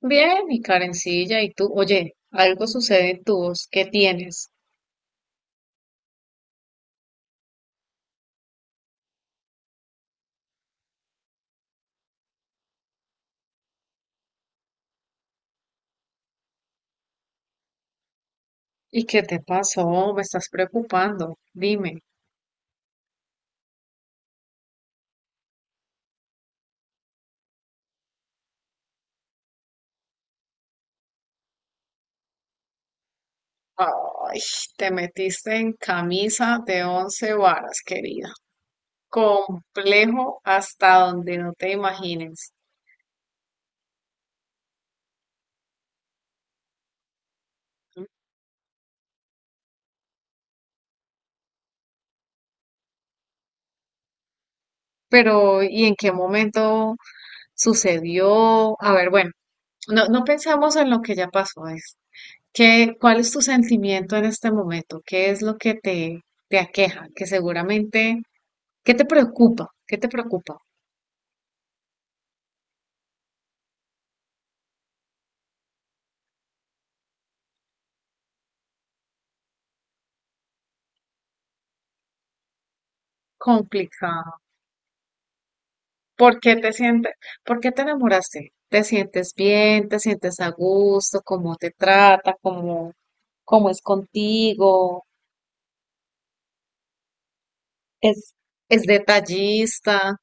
Bien, y Karencilla, y tú, oye, algo sucede en tu voz, ¿qué tienes? ¿Y qué te pasó? Me estás preocupando, dime. Ay, te metiste en camisa de once varas, querida. Complejo hasta donde no te imagines. Pero, ¿y en qué momento sucedió? A ver, bueno, no pensamos en lo que ya pasó, es ¿qué, cuál es tu sentimiento en este momento? ¿Qué es lo que te aqueja? Que seguramente ¿qué te preocupa? ¿Qué te preocupa? Complicado. ¿Por qué te sientes, por qué te enamoraste? ¿Te sientes bien? ¿Te sientes a gusto? ¿Cómo te trata? ¿Cómo, cómo es contigo? ¿Es, es detallista?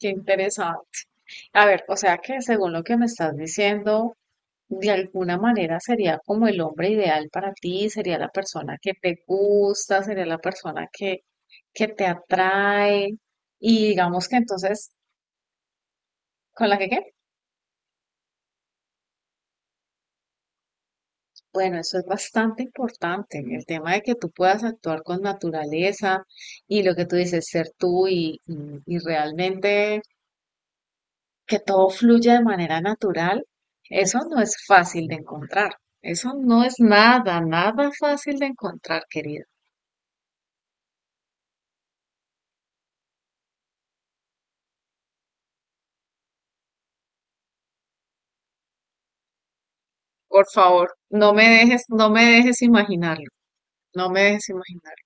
Qué interesante. A ver, o sea que según lo que me estás diciendo, de alguna manera sería como el hombre ideal para ti, sería la persona que te gusta, sería la persona que te atrae y digamos que entonces, ¿con la que qué? Bueno, eso es bastante importante, el tema de que tú puedas actuar con naturaleza y lo que tú dices, ser tú y realmente que todo fluya de manera natural, eso no es fácil de encontrar. Eso no es nada, nada fácil de encontrar, querido. Por favor, no me dejes imaginarlo, no me dejes imaginarlo.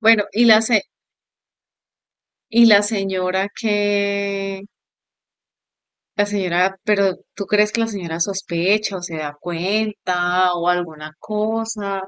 Bueno, y la señora. La señora, pero ¿tú crees que la señora sospecha o se da cuenta o alguna cosa?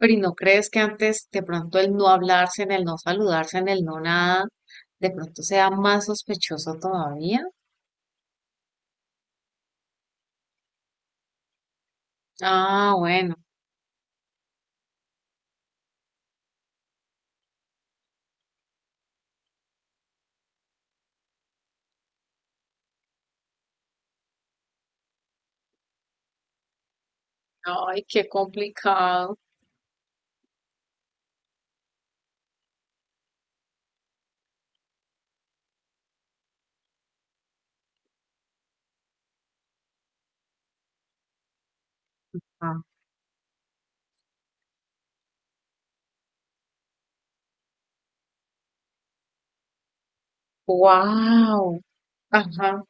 Pero ¿y no crees que antes de pronto el no hablarse, en el no saludarse, en el no nada, de pronto sea más sospechoso todavía? Ah, bueno. Ay, qué complicado. Wow. Ajá.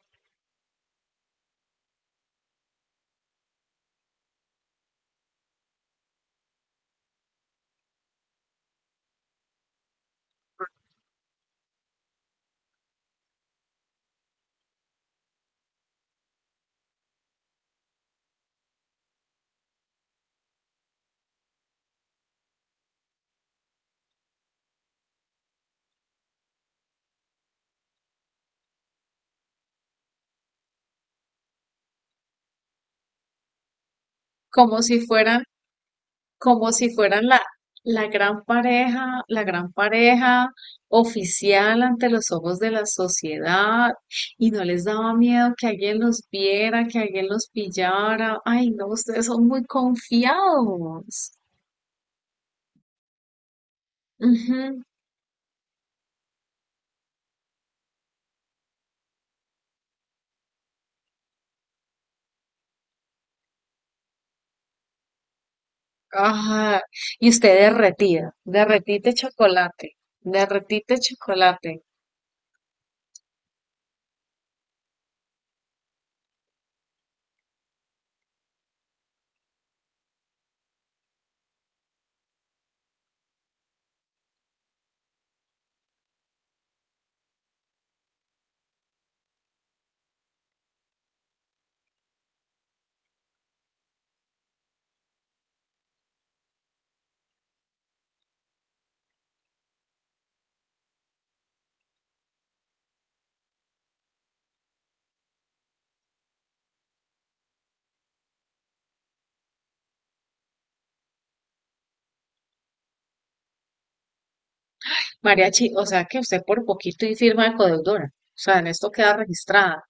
Como si fueran como si fueran la gran pareja oficial ante los ojos de la sociedad, y no les daba miedo que alguien los viera, que alguien los pillara. Ay, no, ustedes son muy confiados. Ujú. Ajá. Y usted derretida, derretite chocolate, derretite chocolate. Mariachi, o sea que usted por poquito y firma de codeudora. O sea, en esto queda registrada.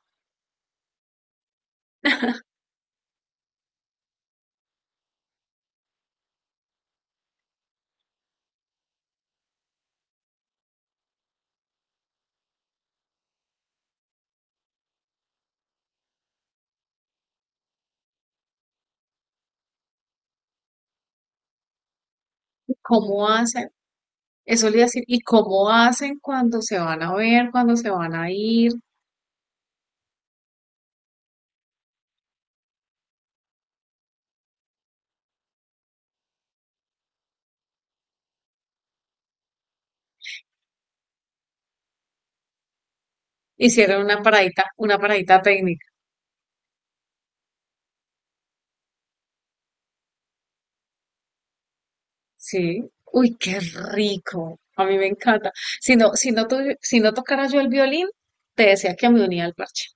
¿Cómo hace? Eso le iba a decir, ¿y cómo hacen cuando se van a ver, cuando se van a ir? Hicieron una paradita técnica, ¿sí? Uy, qué rico. A mí me encanta. Si no, si no tocara yo el violín, te decía que me unía al parche.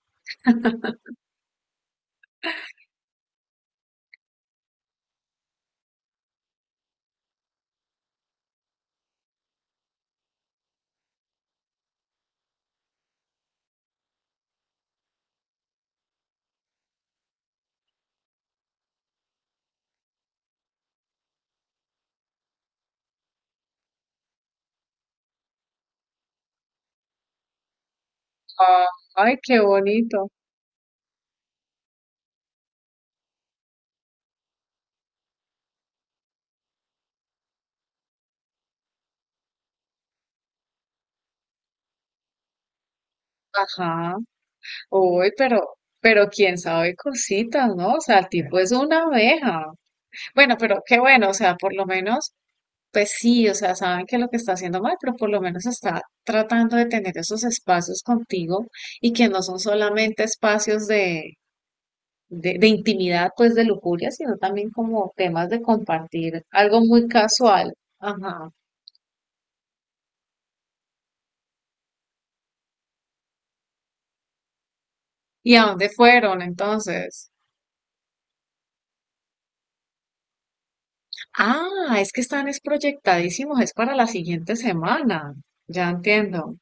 Ah, ay, qué bonito. Ajá. Uy, pero quién sabe cositas, ¿no? O sea, el tipo es una abeja. Bueno, pero qué bueno, o sea, por lo menos. Pues sí, o sea, saben que lo que está haciendo mal, pero por lo menos está tratando de tener esos espacios contigo y que no son solamente espacios de intimidad, pues de lujuria, sino también como temas de compartir algo muy casual. Ajá. ¿Y a dónde fueron entonces? Ah, es que están es proyectadísimos, es para la siguiente semana. Ya entiendo,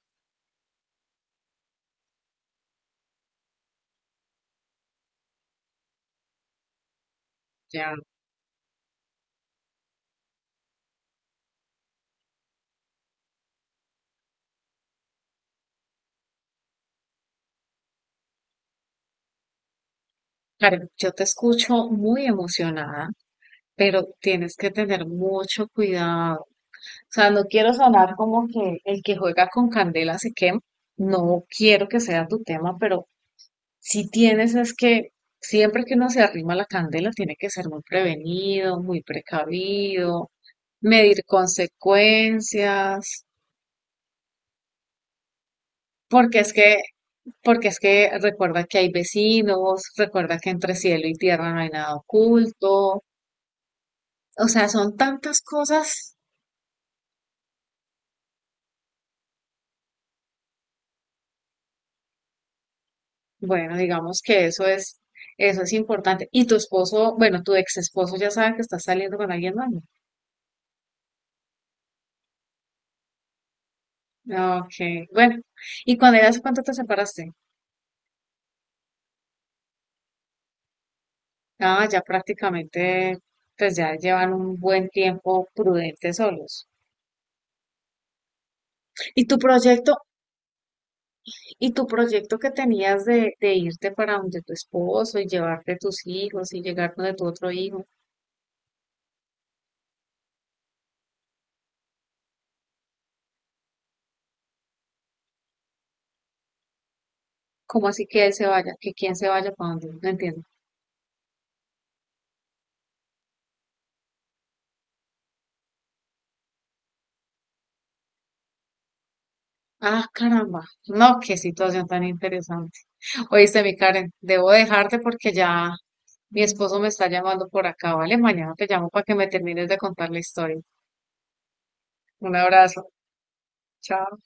ya. Karen, yo te escucho muy emocionada, pero tienes que tener mucho cuidado. Sea, no quiero sonar como que el que juega con candela se quema. No quiero que sea tu tema, pero si tienes es que siempre que uno se arrima a la candela tiene que ser muy prevenido, muy precavido, medir consecuencias, porque es que, porque es que recuerda que hay vecinos, recuerda que entre cielo y tierra no hay nada oculto. O sea, son tantas cosas. Bueno, digamos que eso es importante. Y tu esposo, bueno, tu ex esposo ya sabe que estás saliendo con alguien más, ¿no? Ok, bueno. ¿Y cuando ya hace cuánto te separaste? Ah, ya prácticamente, pues ya llevan un buen tiempo prudente solos. ¿Y tu proyecto, que tenías de irte para donde tu esposo y llevarte tus hijos y llegar donde tu otro hijo? ¿Cómo así que él se vaya? ¿Que quién se vaya para donde? No entiendo. Ah, caramba. No, qué situación tan interesante. Oíste, mi Karen, debo dejarte porque ya mi esposo me está llamando por acá, ¿vale? Mañana te llamo para que me termines de contar la historia. Un abrazo. Chao.